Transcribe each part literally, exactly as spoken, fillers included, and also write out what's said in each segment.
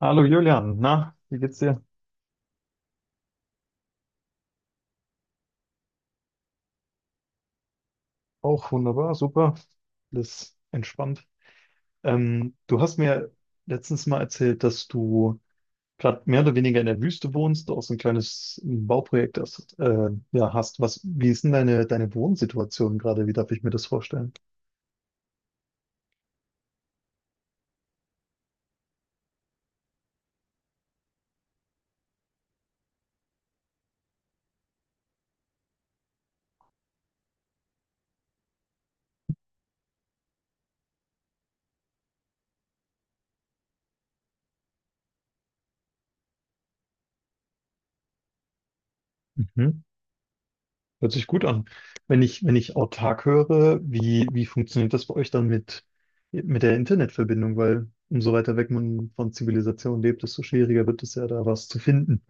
Hallo Julian, na, wie geht's dir? Auch wunderbar, super. Alles entspannt. Ähm, du hast mir letztens mal erzählt, dass du gerade mehr oder weniger in der Wüste wohnst, auch so ein kleines Bauprojekt hast, äh, ja, hast. Was, wie ist denn deine, deine Wohnsituation gerade? Wie darf ich mir das vorstellen? Mhm. Hört sich gut an. Wenn ich, wenn ich autark höre, wie, wie funktioniert das bei euch dann mit, mit der Internetverbindung? Weil umso weiter weg man von Zivilisation lebt, desto schwieriger wird es ja, da was zu finden.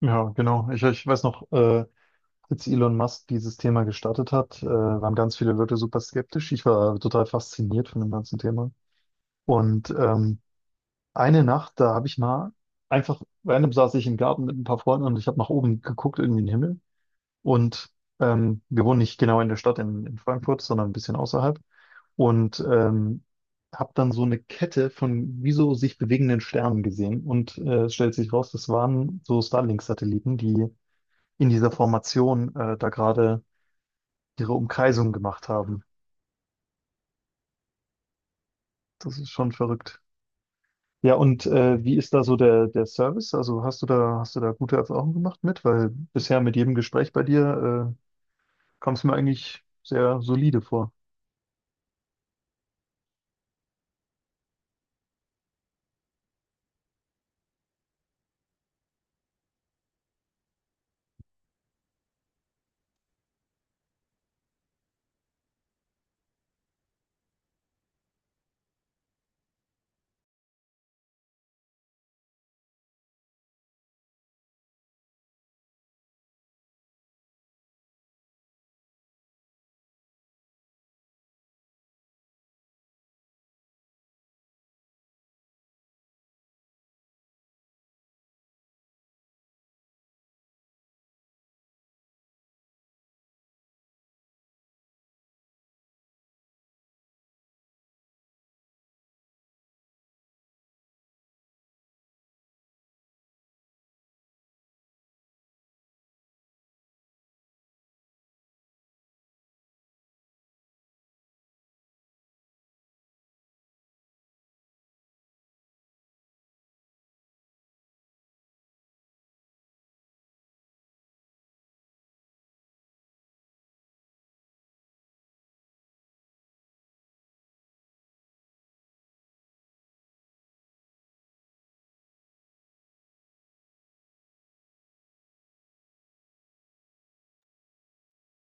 Ja, genau. Ich, ich weiß noch, äh, als Elon Musk dieses Thema gestartet hat, äh, waren ganz viele Leute super skeptisch. Ich war total fasziniert von dem ganzen Thema. Und ähm, eine Nacht, da habe ich mal einfach, random saß ich im Garten mit ein paar Freunden und ich habe nach oben geguckt, irgendwie in den Himmel. Und ähm, wir wohnen nicht genau in der Stadt in, in Frankfurt, sondern ein bisschen außerhalb. Und ähm, habe dann so eine Kette von wie so sich bewegenden Sternen gesehen. Und äh, es stellt sich raus, das waren so Starlink-Satelliten, die in dieser Formation äh, da gerade ihre Umkreisung gemacht haben. Das ist schon verrückt. Ja, und äh, wie ist da so der, der Service? Also hast du da, hast du da gute Erfahrungen gemacht mit? Weil bisher mit jedem Gespräch bei dir äh, kam es mir eigentlich sehr solide vor.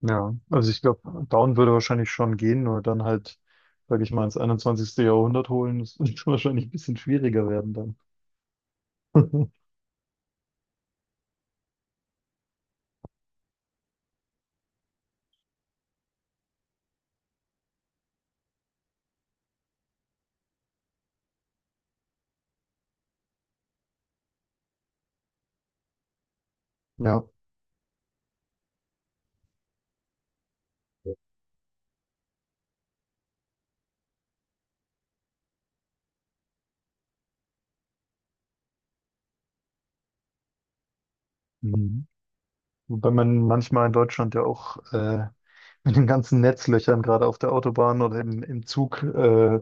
Ja, also ich glaube, Down würde wahrscheinlich schon gehen, nur dann halt, sage ich mal, ins einundzwanzigste. Jahrhundert holen, das wird wahrscheinlich ein bisschen schwieriger werden dann. Ja. Mhm. Wobei man manchmal in Deutschland ja auch äh, mit den ganzen Netzlöchern gerade auf der Autobahn oder im, im Zug äh,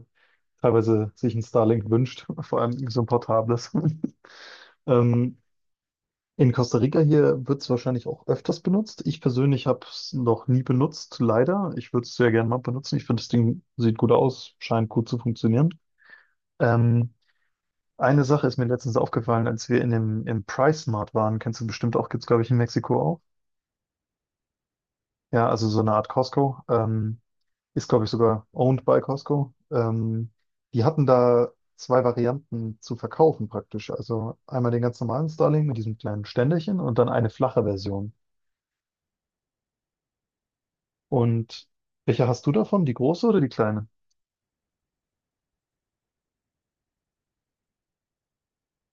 teilweise sich ein Starlink wünscht, vor allem so ein portables. Ähm, in Costa Rica hier wird es wahrscheinlich auch öfters benutzt. Ich persönlich habe es noch nie benutzt, leider. Ich würde es sehr gerne mal benutzen. Ich finde, das Ding sieht gut aus, scheint gut zu funktionieren. Ähm, eine Sache ist mir letztens aufgefallen, als wir in dem, im Price Mart waren, kennst du bestimmt auch, gibt es, glaube ich, in Mexiko auch. Ja, also so eine Art Costco. Ähm, Ist, glaube ich, sogar owned by Costco. Ähm, die hatten da zwei Varianten zu verkaufen praktisch. Also einmal den ganz normalen Starlink mit diesem kleinen Ständerchen und dann eine flache Version. Und welche hast du davon? Die große oder die kleine?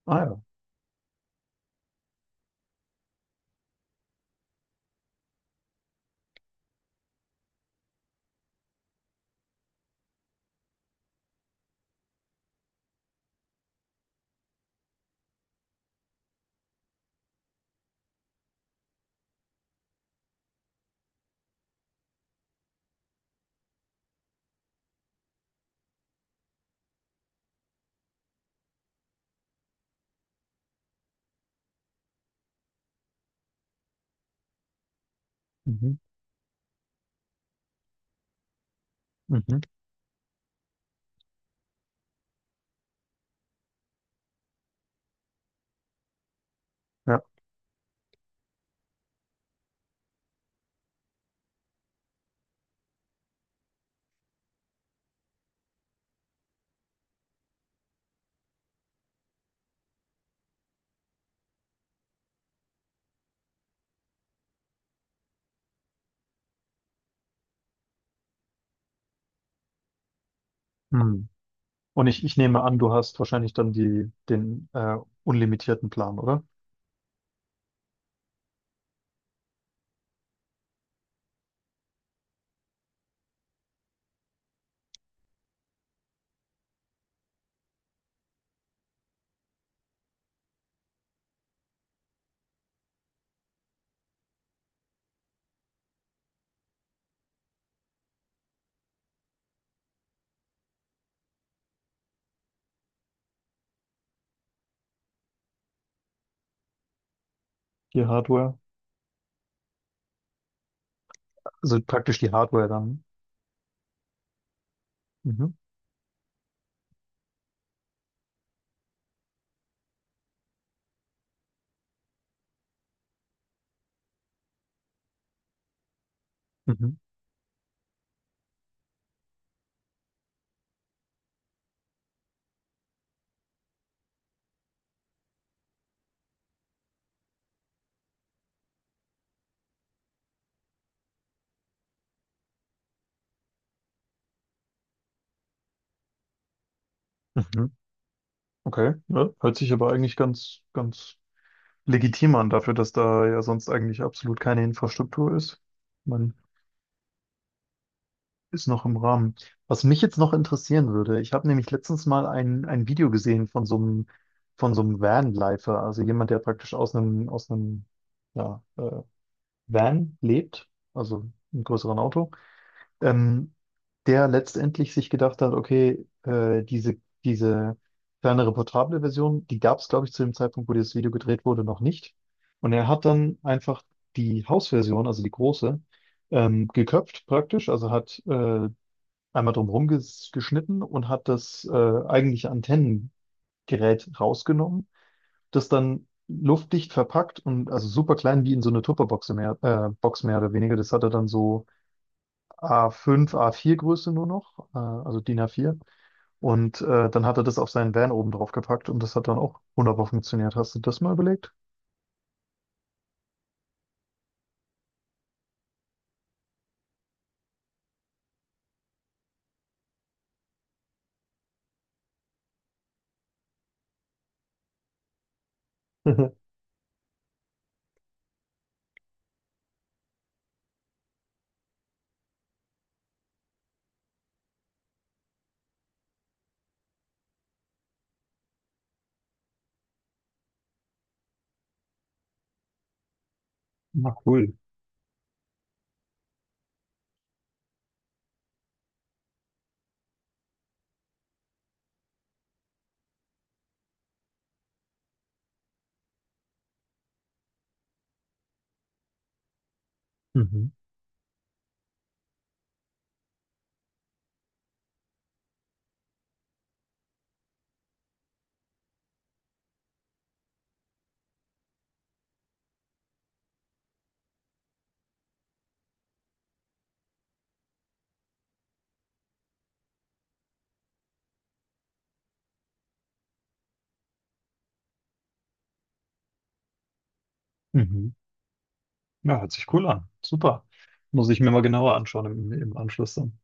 Ah ja. Mhm. Mhm. Ja. Hm. Und ich, ich nehme an, du hast wahrscheinlich dann die, den äh, unlimitierten Plan, oder? Die Hardware. Also praktisch die Hardware dann. Mhm. Mhm. Mhm. Okay. Ja, hört sich aber eigentlich ganz, ganz legitim an dafür, dass da ja sonst eigentlich absolut keine Infrastruktur ist. Man ist noch im Rahmen. Was mich jetzt noch interessieren würde, ich habe nämlich letztens mal ein, ein Video gesehen von so einem, von so einem Vanlifer, also jemand, der praktisch aus einem, aus einem, ja, äh, Van lebt, also einem größeren Auto ähm, der letztendlich sich gedacht hat, okay, äh, diese, diese kleinere portable Version, die gab es, glaube ich, zu dem Zeitpunkt, wo dieses Video gedreht wurde, noch nicht. Und er hat dann einfach die Hausversion, also die große, ähm, geköpft praktisch, also hat äh, einmal drumherum ges geschnitten und hat das äh, eigentliche Antennengerät rausgenommen, das dann luftdicht verpackt und also super klein wie in so eine Tupperbox mehr, äh, Box mehr oder weniger. Das hat er dann so A fünf, A vier Größe nur noch, äh, also D I N A vier. Und äh, dann hat er das auf seinen Van oben drauf gepackt und das hat dann auch wunderbar funktioniert. Hast du das mal überlegt? Na cool. Mhm. Mhm. Ja, hört sich cool an. Super. Muss ich mir mal genauer anschauen im, im Anschluss dann.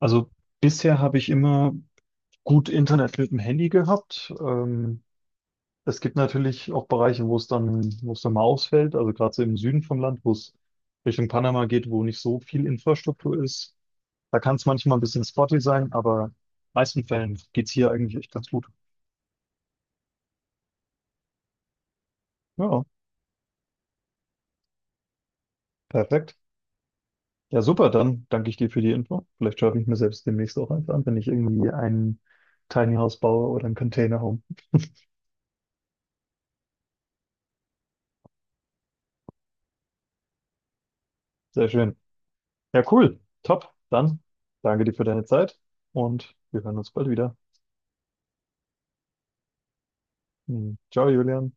Also bisher habe ich immer gut Internet mit dem Handy gehabt. Ähm, es gibt natürlich auch Bereiche, wo es dann, wo es dann mal ausfällt. Also gerade so im Süden vom Land, wo es Richtung Panama geht, wo nicht so viel Infrastruktur ist. Da kann es manchmal ein bisschen spotty sein, aber in den meisten Fällen geht's hier eigentlich echt ganz gut. Ja, perfekt. Ja, super, dann danke ich dir für die Info. Vielleicht schaffe ich mir selbst demnächst auch eins an, wenn ich irgendwie ein Tiny House baue oder ein Container Home. Sehr schön. Ja, cool. Top. Dann danke dir für deine Zeit und wir hören uns bald wieder. Hm. Ciao, Julian.